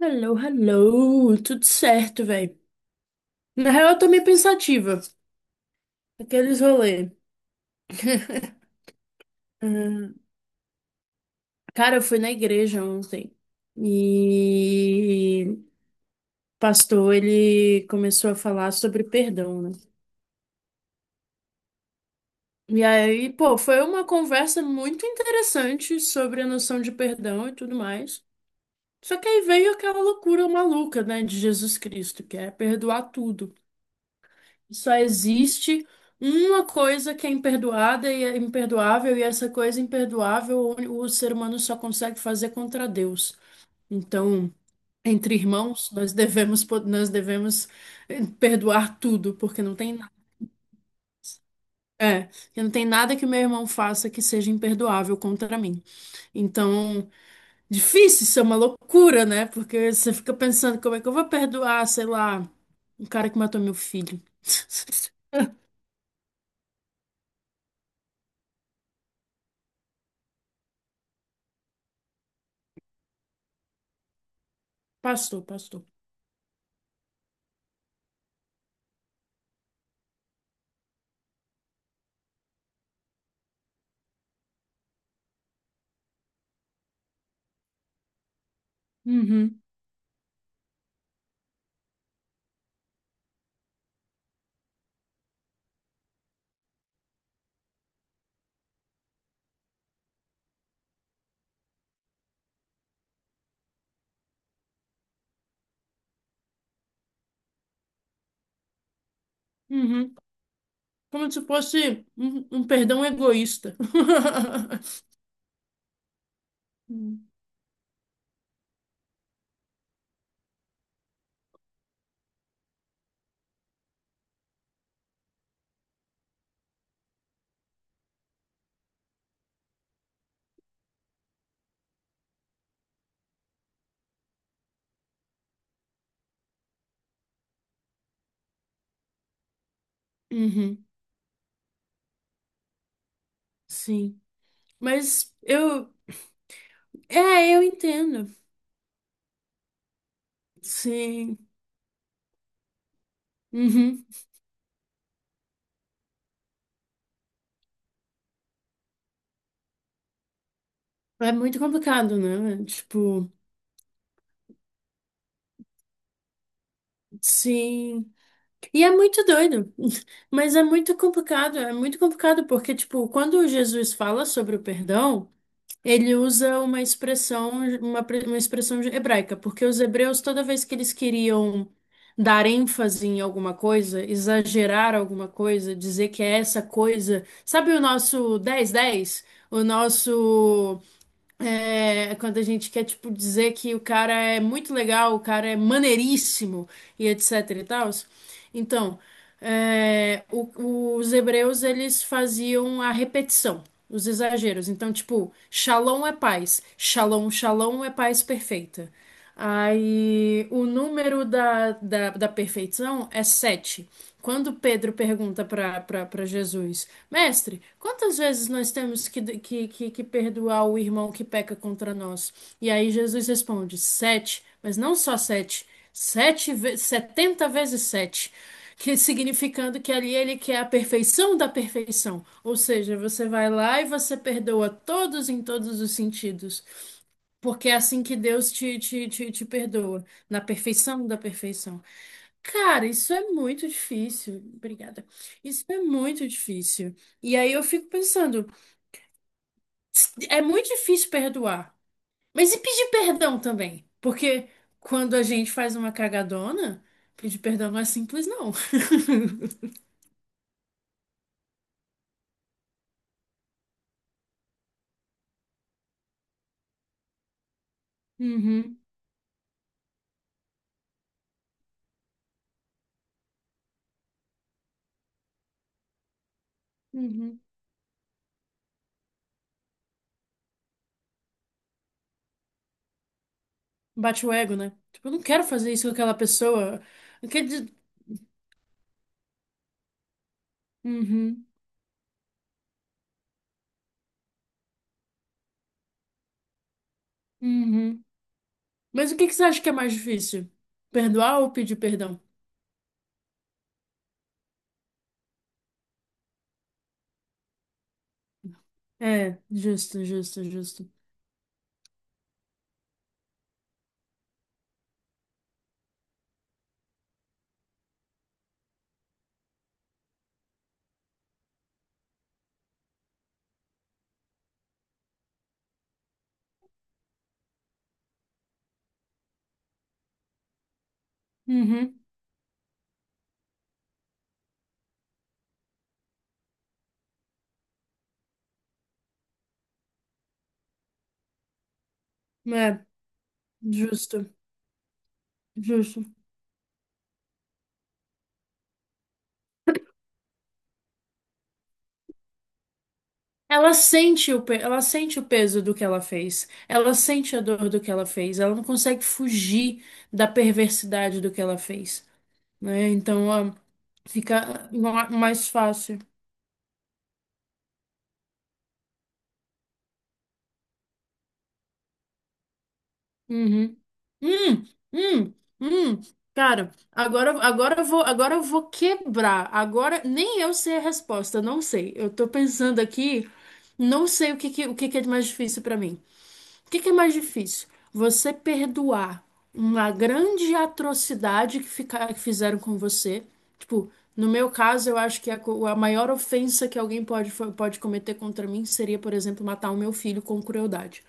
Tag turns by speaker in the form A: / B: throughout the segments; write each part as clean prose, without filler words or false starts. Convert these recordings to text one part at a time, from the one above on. A: Hello, hello, tudo certo, velho. Na real, eu tô meio pensativa. Aqueles rolê. Hum. Cara, eu fui na igreja ontem e o pastor, ele começou a falar sobre perdão, né? E aí, pô, foi uma conversa muito interessante sobre a noção de perdão e tudo mais. Só que aí veio aquela loucura maluca, né, de Jesus Cristo, que é perdoar tudo. Só existe uma coisa que é imperdoada e é imperdoável, e essa coisa imperdoável o ser humano só consegue fazer contra Deus. Então, entre irmãos, nós devemos perdoar tudo, porque não tem nada. É, porque não tem nada que meu irmão faça que seja imperdoável contra mim. Então, difícil, isso é uma loucura, né? Porque você fica pensando como é que eu vou perdoar, sei lá, um cara que matou meu filho. Pastor, pastor. Uhum. Uhum. Como se fosse um perdão egoísta. Uhum. Sim. Mas eu. É, eu entendo. Sim. Uhum. É muito complicado, né? Tipo, sim. E é muito doido. Mas é muito complicado. É muito complicado porque, tipo, quando Jesus fala sobre o perdão, ele usa uma expressão, uma expressão hebraica, porque os hebreus, toda vez que eles queriam dar ênfase em alguma coisa, exagerar alguma coisa, dizer que é essa coisa. Sabe o nosso dez dez? O nosso. É, quando a gente quer, tipo, dizer que o cara é muito legal, o cara é maneiríssimo e etc e tal. Então, os hebreus, eles faziam a repetição, os exageros. Então, tipo, shalom é paz, shalom, shalom é paz perfeita. Aí o número da perfeição é sete. Quando Pedro pergunta para Jesus, Mestre, quantas vezes nós temos que perdoar o irmão que peca contra nós? E aí Jesus responde, sete, mas não só sete, sete, setenta vezes sete. Que significando que ali ele quer a perfeição da perfeição. Ou seja, você vai lá e você perdoa todos em todos os sentidos. Porque é assim que Deus te perdoa, na perfeição da perfeição. Cara, isso é muito difícil. Obrigada. Isso é muito difícil. E aí eu fico pensando, é muito difícil perdoar. Mas e pedir perdão também? Porque quando a gente faz uma cagadona, pedir perdão não é simples, não. Uhum, uhum. Bate o ego, né? Tipo, eu não quero fazer isso com aquela pessoa. Eu quero dizer... Uhum, uhum. Mas o que que você acha que é mais difícil? Perdoar ou pedir perdão? É, justo, justo, justo. Uhum. É, justo, justo. Ela sente o peso do que ela fez. Ela sente a dor do que ela fez. Ela não consegue fugir da perversidade do que ela fez, né? Então, ó, fica mais fácil. Uhum. Hum, hum, hum. Cara, agora eu vou quebrar. Agora nem eu sei a resposta, não sei. Eu tô pensando aqui, não sei o que que é mais difícil pra mim. O que que é mais difícil? Você perdoar uma grande atrocidade que fizeram com você. Tipo, no meu caso, eu acho que a maior ofensa que alguém pode cometer contra mim seria, por exemplo, matar o meu filho com crueldade.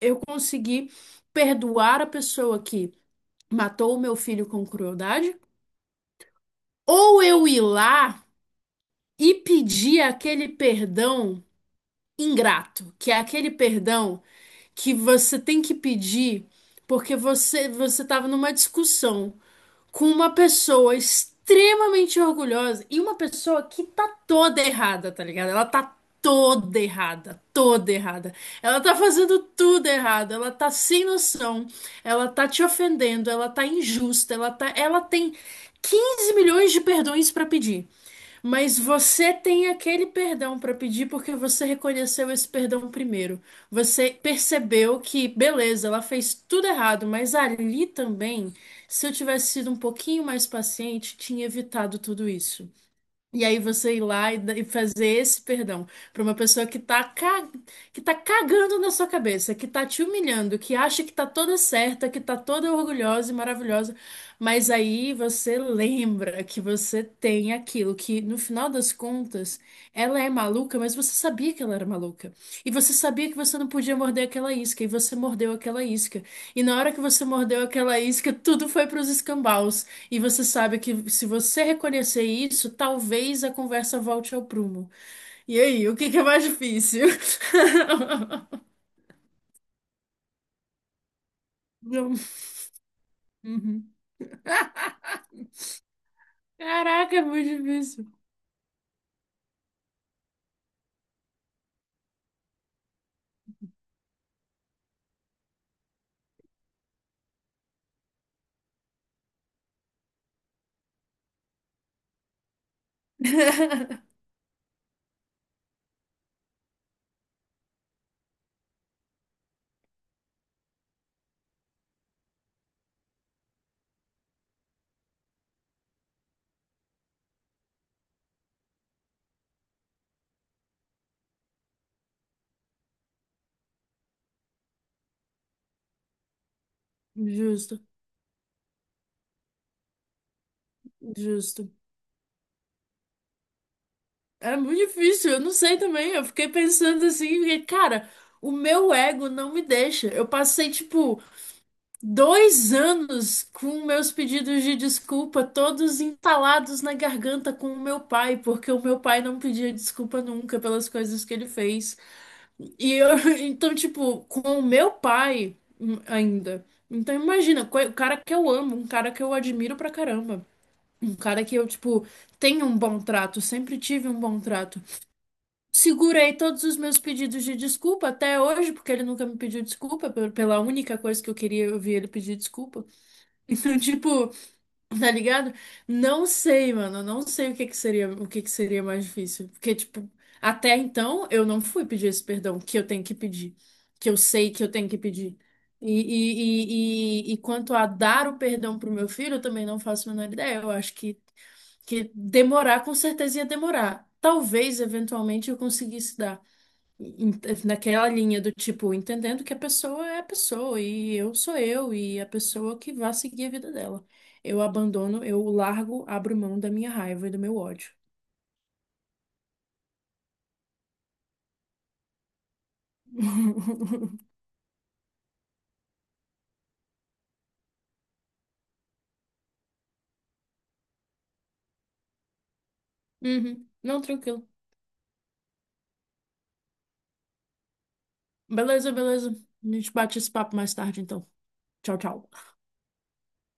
A: Eu consegui perdoar a pessoa que matou o meu filho com crueldade, ou eu ir lá e pedir aquele perdão ingrato, que é aquele perdão que você tem que pedir porque você estava numa discussão com uma pessoa extremamente orgulhosa e uma pessoa que tá toda errada, tá ligado? Ela tá toda errada, toda errada. Ela tá fazendo tudo errado, ela tá sem noção, ela tá te ofendendo, ela tá injusta, ela tem 15 milhões de perdões pra pedir. Mas você tem aquele perdão para pedir porque você reconheceu esse perdão primeiro. Você percebeu que, beleza, ela fez tudo errado, mas ali também, se eu tivesse sido um pouquinho mais paciente, tinha evitado tudo isso. E aí você ir lá e e fazer esse perdão para uma pessoa que tá cagando na sua cabeça, que tá te humilhando, que acha que tá toda certa, que tá toda orgulhosa e maravilhosa, mas aí você lembra que você tem aquilo que, no final das contas, ela é maluca, mas você sabia que ela era maluca. E você sabia que você não podia morder aquela isca, e você mordeu aquela isca. E na hora que você mordeu aquela isca, tudo foi para os escambaus. E você sabe que se você reconhecer isso, talvez a conversa volte ao prumo. E aí, o que que é mais difícil? Não. Uhum. Caraca, é muito difícil. Justo, justo. É muito difícil, eu não sei também. Eu fiquei pensando assim, porque, cara, o meu ego não me deixa. Eu passei, tipo, 2 anos com meus pedidos de desculpa, todos entalados na garganta com o meu pai, porque o meu pai não pedia desculpa nunca pelas coisas que ele fez. E eu, então, tipo, com o meu pai ainda. Então, imagina, o cara que eu amo, um cara que eu admiro pra caramba, um cara que eu, tipo, tenho um bom trato, sempre tive um bom trato. Segurei todos os meus pedidos de desculpa até hoje, porque ele nunca me pediu desculpa, pela única coisa que eu queria ouvir ele pedir desculpa. Então, tipo, tá ligado? Não sei, mano. Não sei o que que seria, o que que seria mais difícil. Porque, tipo, até então eu não fui pedir esse perdão que eu tenho que pedir. Que eu sei que eu tenho que pedir. E quanto a dar o perdão pro meu filho, eu também não faço a menor ideia. Eu acho que demorar, com certeza ia demorar. Talvez, eventualmente, eu conseguisse dar em- naquela linha do tipo, entendendo que a pessoa é a pessoa e eu sou eu e a pessoa que vai seguir a vida dela. Eu abandono, eu largo, abro mão da minha raiva e do meu ódio. Uhum. Não, tranquilo. Beleza, beleza. A gente bate esse papo mais tarde, então. Tchau, tchau.